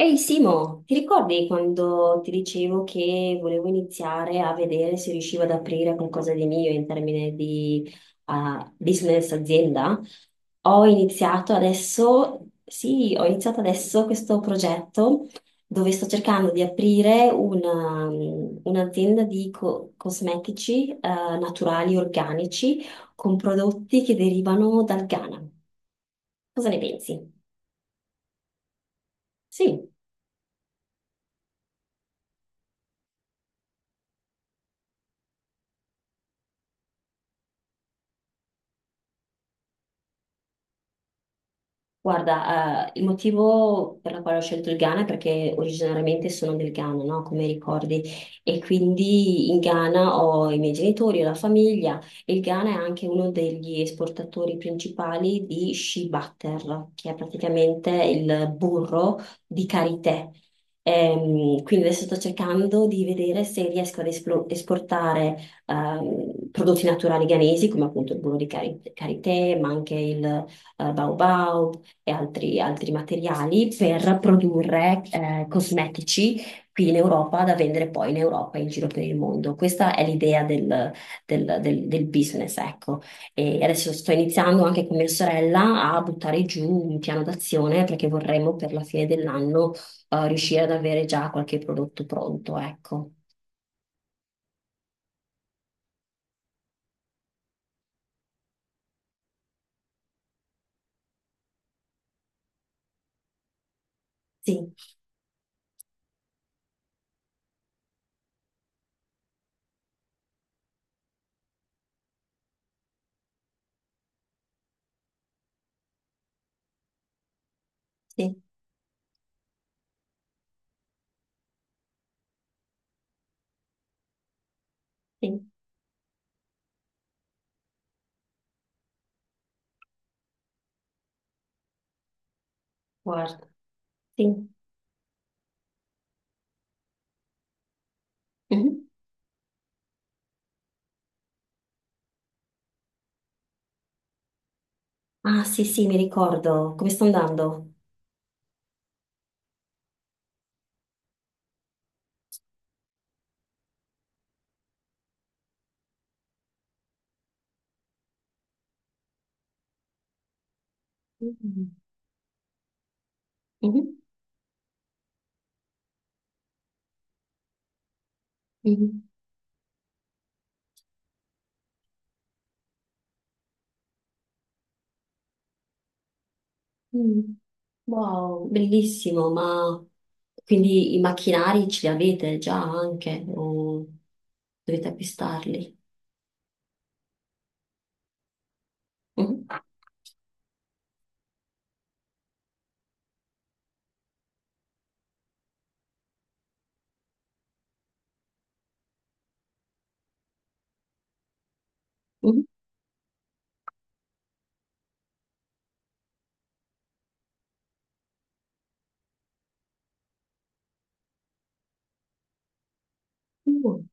Ehi Simo, ti ricordi quando ti dicevo che volevo iniziare a vedere se riuscivo ad aprire qualcosa di mio in termini di business azienda? Ho iniziato adesso, sì, ho iniziato adesso questo progetto dove sto cercando di aprire una, un'azienda di cosmetici naturali, organici, con prodotti che derivano dal Ghana. Cosa ne pensi? Sì. Guarda, il motivo per la quale ho scelto il Ghana è perché originariamente sono del Ghana, no? Come ricordi. E quindi in Ghana ho i miei genitori, ho la famiglia. E il Ghana è anche uno degli esportatori principali di shea butter, che è praticamente il burro di karité. Quindi adesso sto cercando di vedere se riesco ad esportare prodotti naturali ghanesi, come appunto il burro di karité, ma anche il baobao, e altri, altri materiali per produrre cosmetici qui in Europa da vendere poi in Europa e in giro per il mondo. Questa è l'idea del business, ecco. E adesso sto iniziando anche con mia sorella a buttare giù un piano d'azione perché vorremmo per la fine dell'anno riuscire ad avere già qualche prodotto pronto, ecco. Sì, sì, sì, guarda, sì. Mhm. Ah, sì, sì, mi ricordo. Come sto andando? Mhm. Mhm. Mhm. Mm. Wow, bellissimo, ma quindi i macchinari ce li avete già anche o dovete acquistarli? Mhm. Mhm.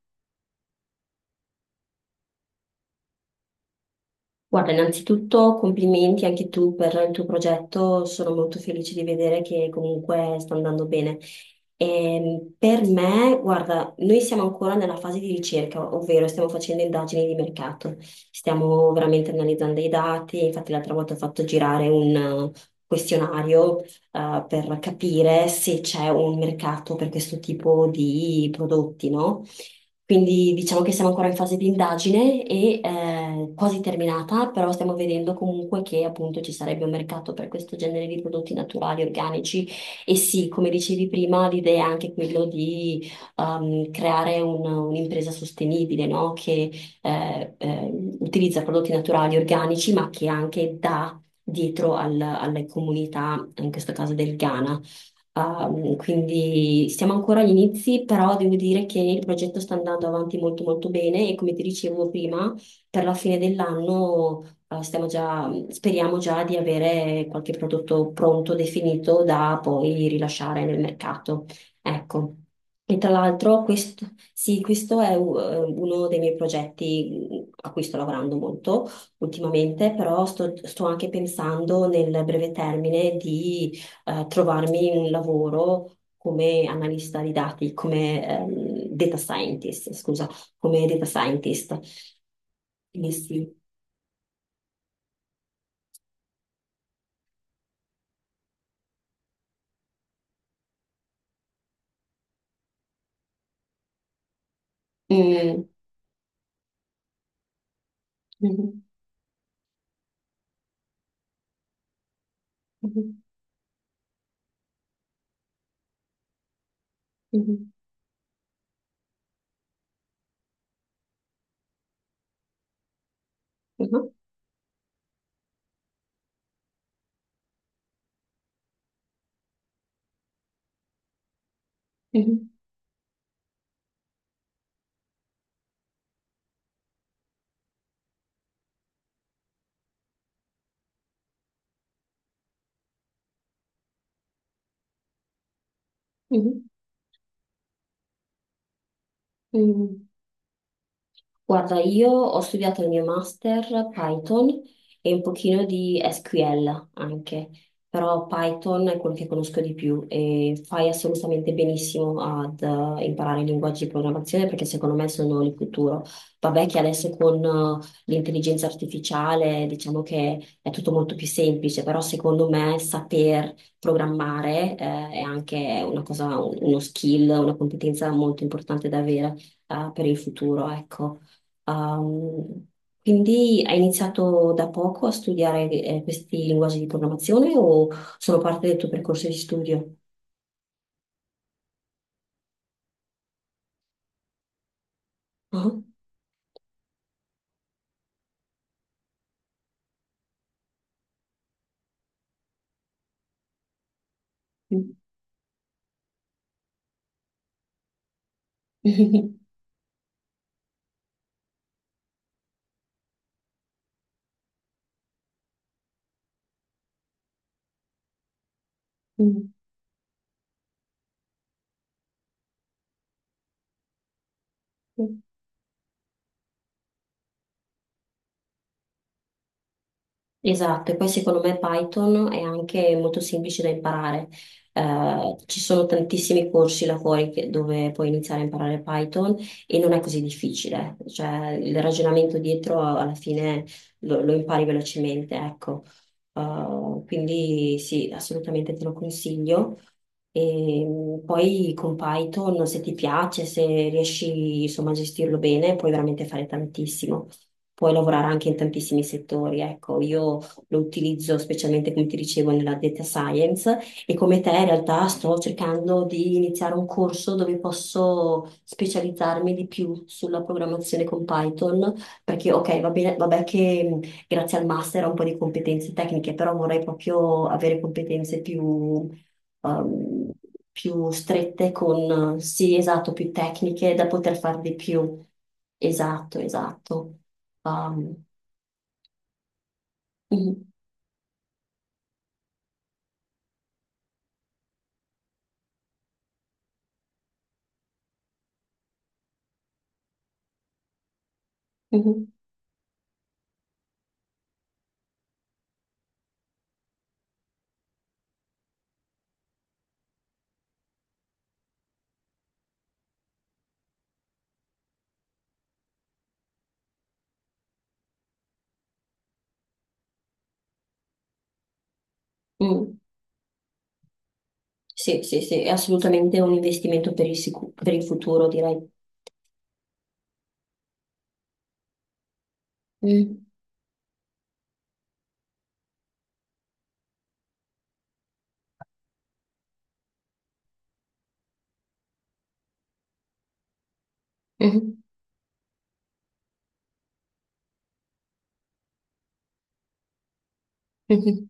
Guarda, innanzitutto complimenti anche tu per il tuo progetto, sono molto felice di vedere che comunque sta andando bene. Per me, guarda, noi siamo ancora nella fase di ricerca, ovvero stiamo facendo indagini di mercato, stiamo veramente analizzando i dati, infatti l'altra volta ho fatto girare un questionario per capire se c'è un mercato per questo tipo di prodotti, no? Quindi diciamo che siamo ancora in fase di indagine e quasi terminata, però stiamo vedendo comunque che appunto ci sarebbe un mercato per questo genere di prodotti naturali, organici. E sì, come dicevi prima, l'idea è anche quello di creare un'impresa sostenibile, no? Che eh, eh, utilizza prodotti naturali, organici, ma che anche dà dietro alle comunità, in questo caso del Ghana. Quindi siamo ancora agli inizi, però devo dire che il progetto sta andando avanti molto molto bene e come ti dicevo prima, per la fine dell'anno, stiamo già- speriamo già di avere qualche prodotto pronto, definito, da poi rilasciare nel mercato. Ecco. E tra l'altro questo, sì, questo è uno dei miei progetti a cui sto lavorando molto ultimamente, però sto anche pensando nel breve termine di trovarmi un lavoro come analista di dati, come data scientist, scusa, come data scientist. Quindi sì. Mm. Mhm. Mhm. Mhm. Mhm. Mhm. Mhm. Mhm. Guarda, io ho studiato il mio master Python e un pochino di SQL anche, però Python è quello che conosco di più e fai assolutamente benissimo ad imparare i linguaggi di programmazione perché secondo me sono il futuro. Vabbè che adesso con l'intelligenza artificiale diciamo che è tutto molto più semplice, però secondo me saper programmare è anche una cosa, uno skill, una competenza molto importante da avere per il futuro, ecco. Ehm, quindi hai iniziato da poco a studiare questi linguaggi di programmazione o sono parte del tuo percorso di studio? Ah. Mm. Esatto, e poi secondo me Python è anche molto semplice da imparare. Ci sono tantissimi corsi là fuori dove puoi iniziare a imparare Python e non è così difficile, cioè il ragionamento dietro alla fine lo impari velocemente, ecco. Quindi sì, assolutamente te lo consiglio. E poi con Python, se ti piace, se riesci insomma a gestirlo bene, puoi veramente fare tantissimo, puoi lavorare anche in tantissimi settori. Ecco, io lo utilizzo specialmente, come ti dicevo, nella data science e come te in realtà sto cercando di iniziare un corso dove posso specializzarmi di più sulla programmazione con Python, perché ok, va bene, vabbè che grazie al master ho un po' di competenze tecniche, però vorrei proprio avere competenze più... ehm, più strette con, sì, esatto, più tecniche da poter fare di più. Esatto, esatto. Um, mhm, mhm, mm. Sì, sì, sì, è assolutamente un investimento per il, per il futuro, direi. Mm, mhm, mhm,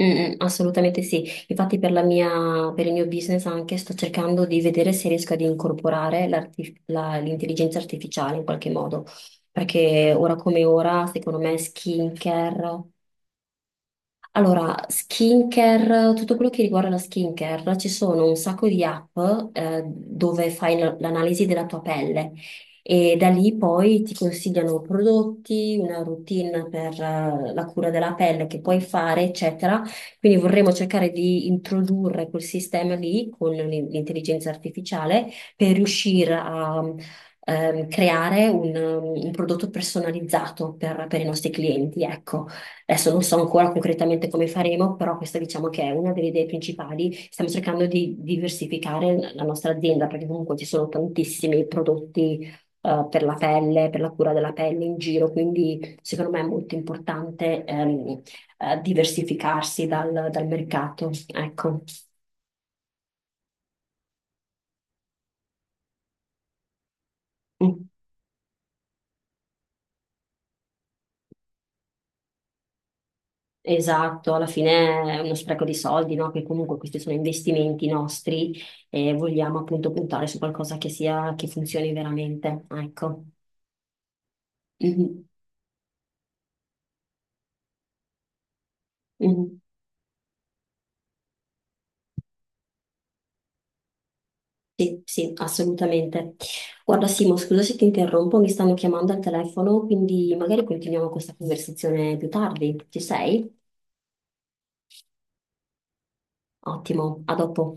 mm, mm, assolutamente sì. Infatti per la per il mio business anche sto cercando di vedere se riesco ad incorporare l'intelligenza artificiale in qualche modo, perché ora come ora, secondo me, skincare. Allora, skincare, tutto quello che riguarda la skincare, ci sono un sacco di app dove fai l'analisi della tua pelle e da lì poi ti consigliano prodotti, una routine per la cura della pelle che puoi fare, eccetera. Quindi vorremmo cercare di introdurre quel sistema lì con l'intelligenza artificiale per riuscire a creare un prodotto personalizzato per i nostri clienti, ecco. Adesso non so ancora concretamente come faremo, però questa diciamo che è una delle idee principali. Stiamo cercando di diversificare la nostra azienda perché comunque ci sono tantissimi prodotti per la pelle, per la cura della pelle in giro, quindi secondo me è molto importante diversificarsi dal mercato. Ecco. Mm. Esatto, alla fine è uno spreco di soldi, no? Che comunque questi sono investimenti nostri e vogliamo appunto puntare su qualcosa che sia, che funzioni veramente. Ecco. Mhm, mhm. Sì, sì, assolutamente. Guarda, Simo, scusa se ti interrompo, mi stanno chiamando al telefono, quindi magari continuiamo questa conversazione più tardi. Ci sei? Ottimo, a dopo.